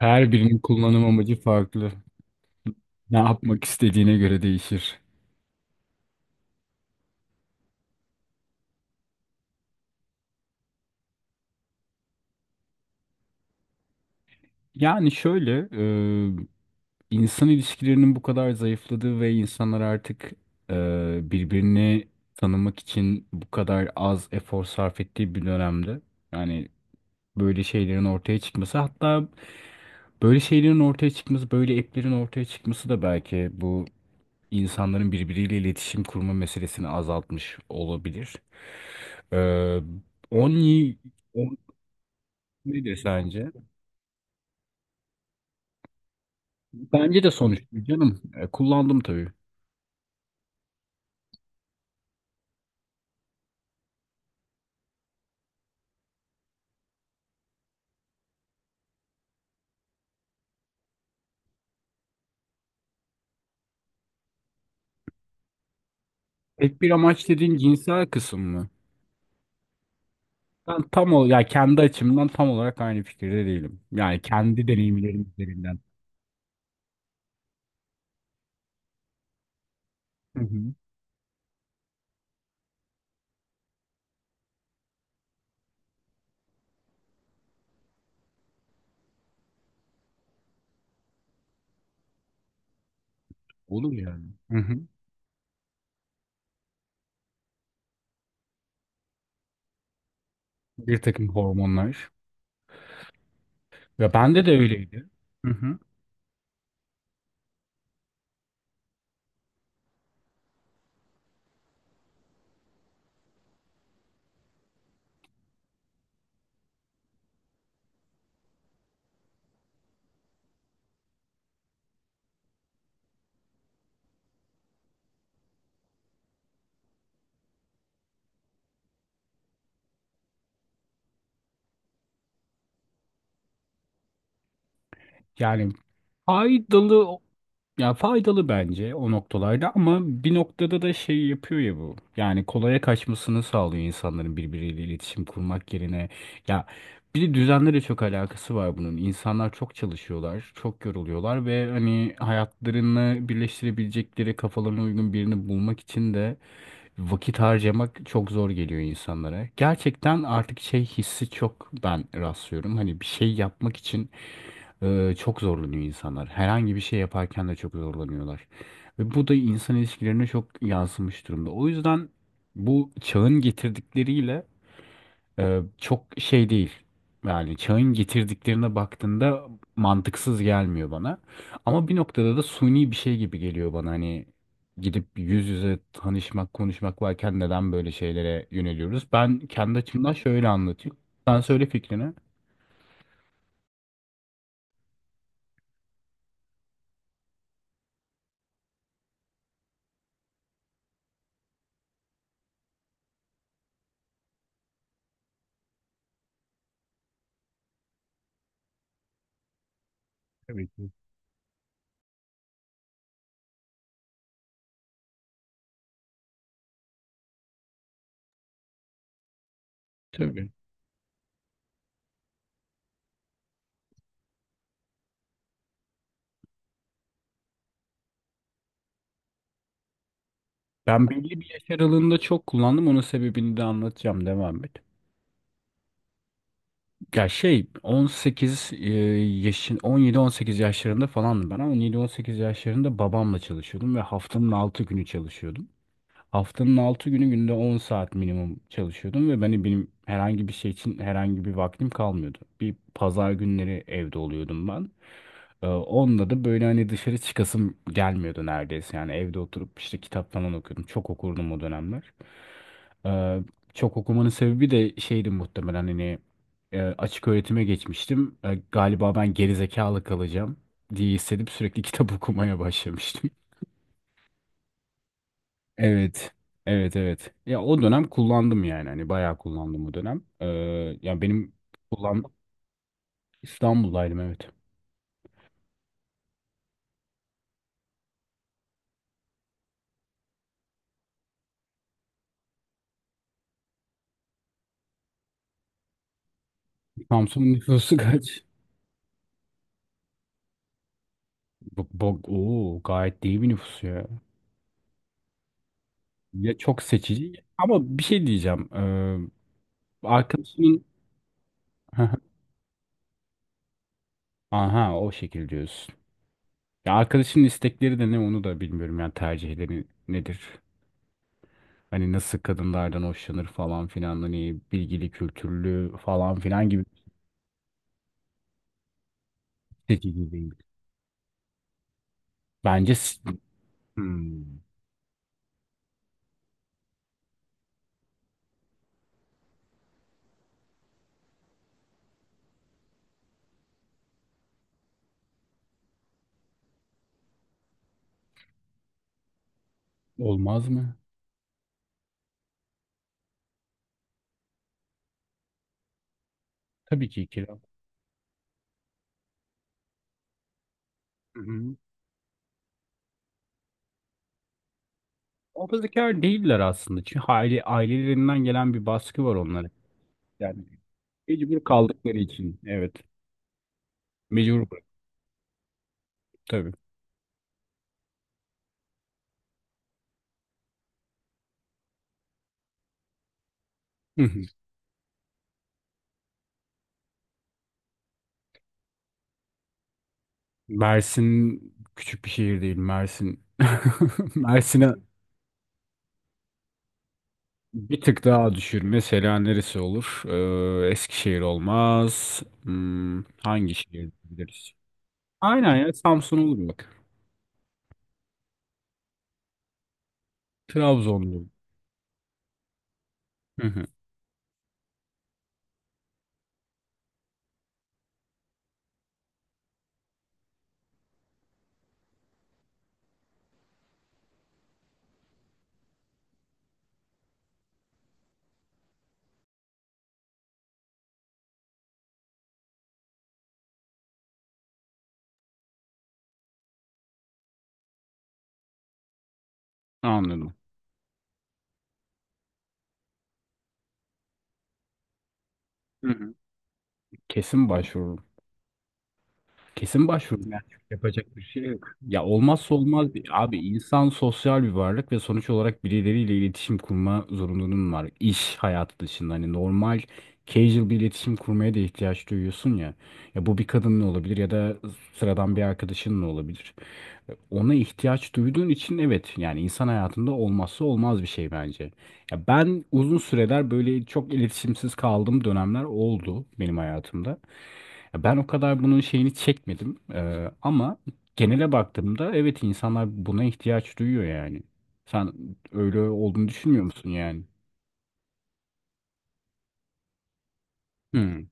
Her birinin kullanım amacı farklı. Ne yapmak istediğine göre değişir. Yani şöyle, insan ilişkilerinin bu kadar zayıfladığı ve insanlar artık e, birbirini tanımak için bu kadar az efor sarf ettiği bir dönemde. Yani böyle şeylerin ortaya çıkması, hatta böyle şeylerin ortaya çıkması, böyle app'lerin ortaya çıkması da belki bu insanların birbiriyle iletişim kurma meselesini azaltmış olabilir. E, 10. Nedir sence? Bence de sonuçlu canım. Kullandım tabii. Tek bir amaç dediğin cinsel kısım mı? Ben tam ol ya kendi açımdan tam olarak aynı fikirde değilim. Yani kendi deneyimlerim üzerinden. Hı hı. Olur yani. Hı hı. Bir takım hormonlar. Ve bende de öyleydi. Hı hı. Yani faydalı Ya faydalı bence o noktalarda ama bir noktada da şey yapıyor ya bu. Yani kolaya kaçmasını sağlıyor insanların birbiriyle iletişim kurmak yerine. Ya bir de düzenle de çok alakası var bunun. İnsanlar çok çalışıyorlar, çok yoruluyorlar ve hani hayatlarını birleştirebilecekleri kafalarına uygun birini bulmak için de vakit harcamak çok zor geliyor insanlara. Gerçekten artık şey hissi çok ben rastlıyorum. Hani bir şey yapmak için çok zorlanıyor insanlar. Herhangi bir şey yaparken de çok zorlanıyorlar. Ve bu da insan ilişkilerine çok yansımış durumda. O yüzden bu çağın getirdikleriyle çok şey değil. Yani çağın getirdiklerine baktığında mantıksız gelmiyor bana. Ama bir noktada da suni bir şey gibi geliyor bana. Hani gidip yüz yüze tanışmak, konuşmak varken neden böyle şeylere yöneliyoruz? Ben kendi açımdan şöyle anlatayım. Sen söyle fikrini. Tabii ki. Tabii. Ben belli bir yaş aralığında çok kullandım. Onun sebebini de anlatacağım. Devam et. Ya şey 18 yaşın 17-18 yaşlarında falandım ben ama 17-18 yaşlarında babamla çalışıyordum ve haftanın 6 günü çalışıyordum. Haftanın 6 günü günde 10 saat minimum çalışıyordum ve benim herhangi bir şey için herhangi bir vaktim kalmıyordu. Bir pazar günleri evde oluyordum ben. Onda da böyle hani dışarı çıkasım gelmiyordu neredeyse. Yani evde oturup işte kitap falan okuyordum. Çok okurdum o dönemler. Ee, çok okumanın sebebi de şeydi muhtemelen hani açık öğretime geçmiştim. E, galiba ben gerizekalı kalacağım diye hissedip sürekli kitap okumaya başlamıştım. Evet. Evet, evet. Ya o dönem kullandım yani. Hani bayağı kullandım o dönem. Ya benim kullandım. İstanbul'daydım, evet. Samsun'un nüfusu kaç? Bak, bak, oo, gayet iyi bir nüfus ya. Ya çok seçici, ama bir şey diyeceğim. Arkadaşının aha, o şekil diyorsun. Ya arkadaşının istekleri de ne, onu da bilmiyorum. Yani tercihleri nedir? Hani nasıl kadınlardan hoşlanır falan filan, hani bilgili, kültürlü falan filan gibi seçici değil. Bence s- Hmm. Olmaz mı? Tabii ki kira. Hı hı. Muhafazakar değiller aslında. Çünkü aile, ailelerinden gelen bir baskı var onlara. Yani mecbur kaldıkları için. Evet. Mecbur bırak- Tabii. Hı hı. Mersin küçük bir şehir değil. Mersin. Mersin'e bir tık daha düşür. Mesela neresi olur? Eskişehir olmaz. Hmm, hangi şehir biliriz? Aynen, ya Samsun olur bak. Trabzon olur. Hı hı. Anladım. Hı hı. Kesin başvururum. Kesin başvururum. Yani yapacak bir şey yok. Ya olmazsa olmaz bir, abi insan sosyal bir varlık ve sonuç olarak birileriyle iletişim kurma zorunluluğun var. İş hayatı dışında hani normal casual bir iletişim kurmaya da ihtiyaç duyuyorsun ya. Ya bu bir kadınla olabilir ya da sıradan bir arkadaşınla olabilir. Ona ihtiyaç duyduğun için evet, yani insan hayatında olmazsa olmaz bir şey bence. Ya ben uzun süreler böyle çok iletişimsiz kaldığım dönemler oldu benim hayatımda. Ya ben o kadar bunun şeyini çekmedim. Ama genele baktığımda evet, insanlar buna ihtiyaç duyuyor yani. Sen öyle olduğunu düşünmüyor musun yani? Hmm.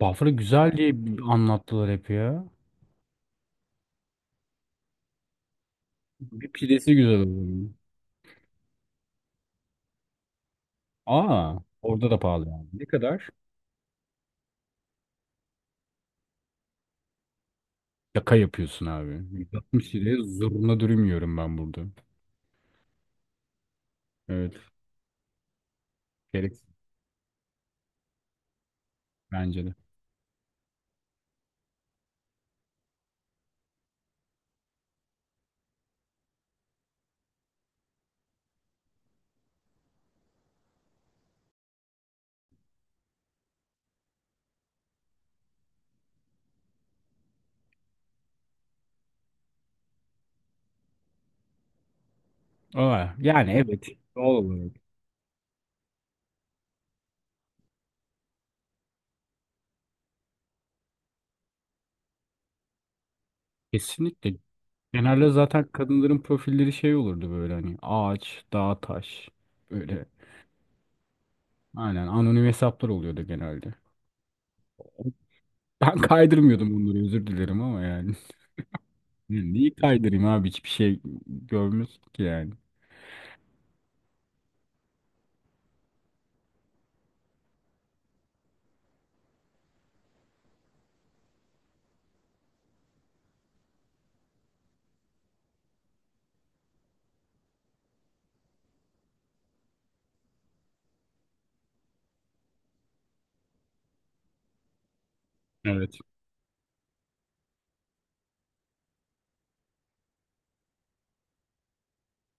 Bafra güzel diye anlattılar hep ya. Bir pidesi güzel oluyor. Aa, orada da pahalı yani. Ne kadar? Şaka yapıyorsun abi. 160 liraya zurna dürüm yiyorum ben burada. Evet. Gereksiz bence de. Aa, yani evet. Doğal olarak. Kesinlikle. Genelde zaten kadınların profilleri şey olurdu, böyle hani ağaç, dağ, taş böyle. Aynen, anonim hesaplar oluyordu genelde. Ben kaydırmıyordum bunları, özür dilerim ama yani. Niye kaydırayım abi, hiçbir şey görmüyorsun ki yani. Evet.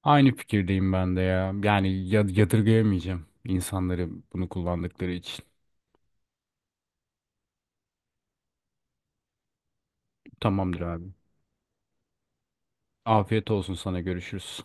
Aynı fikirdeyim ben de ya. Yani yadırgayamayacağım insanları bunu kullandıkları için. Tamamdır abi. Afiyet olsun sana, görüşürüz.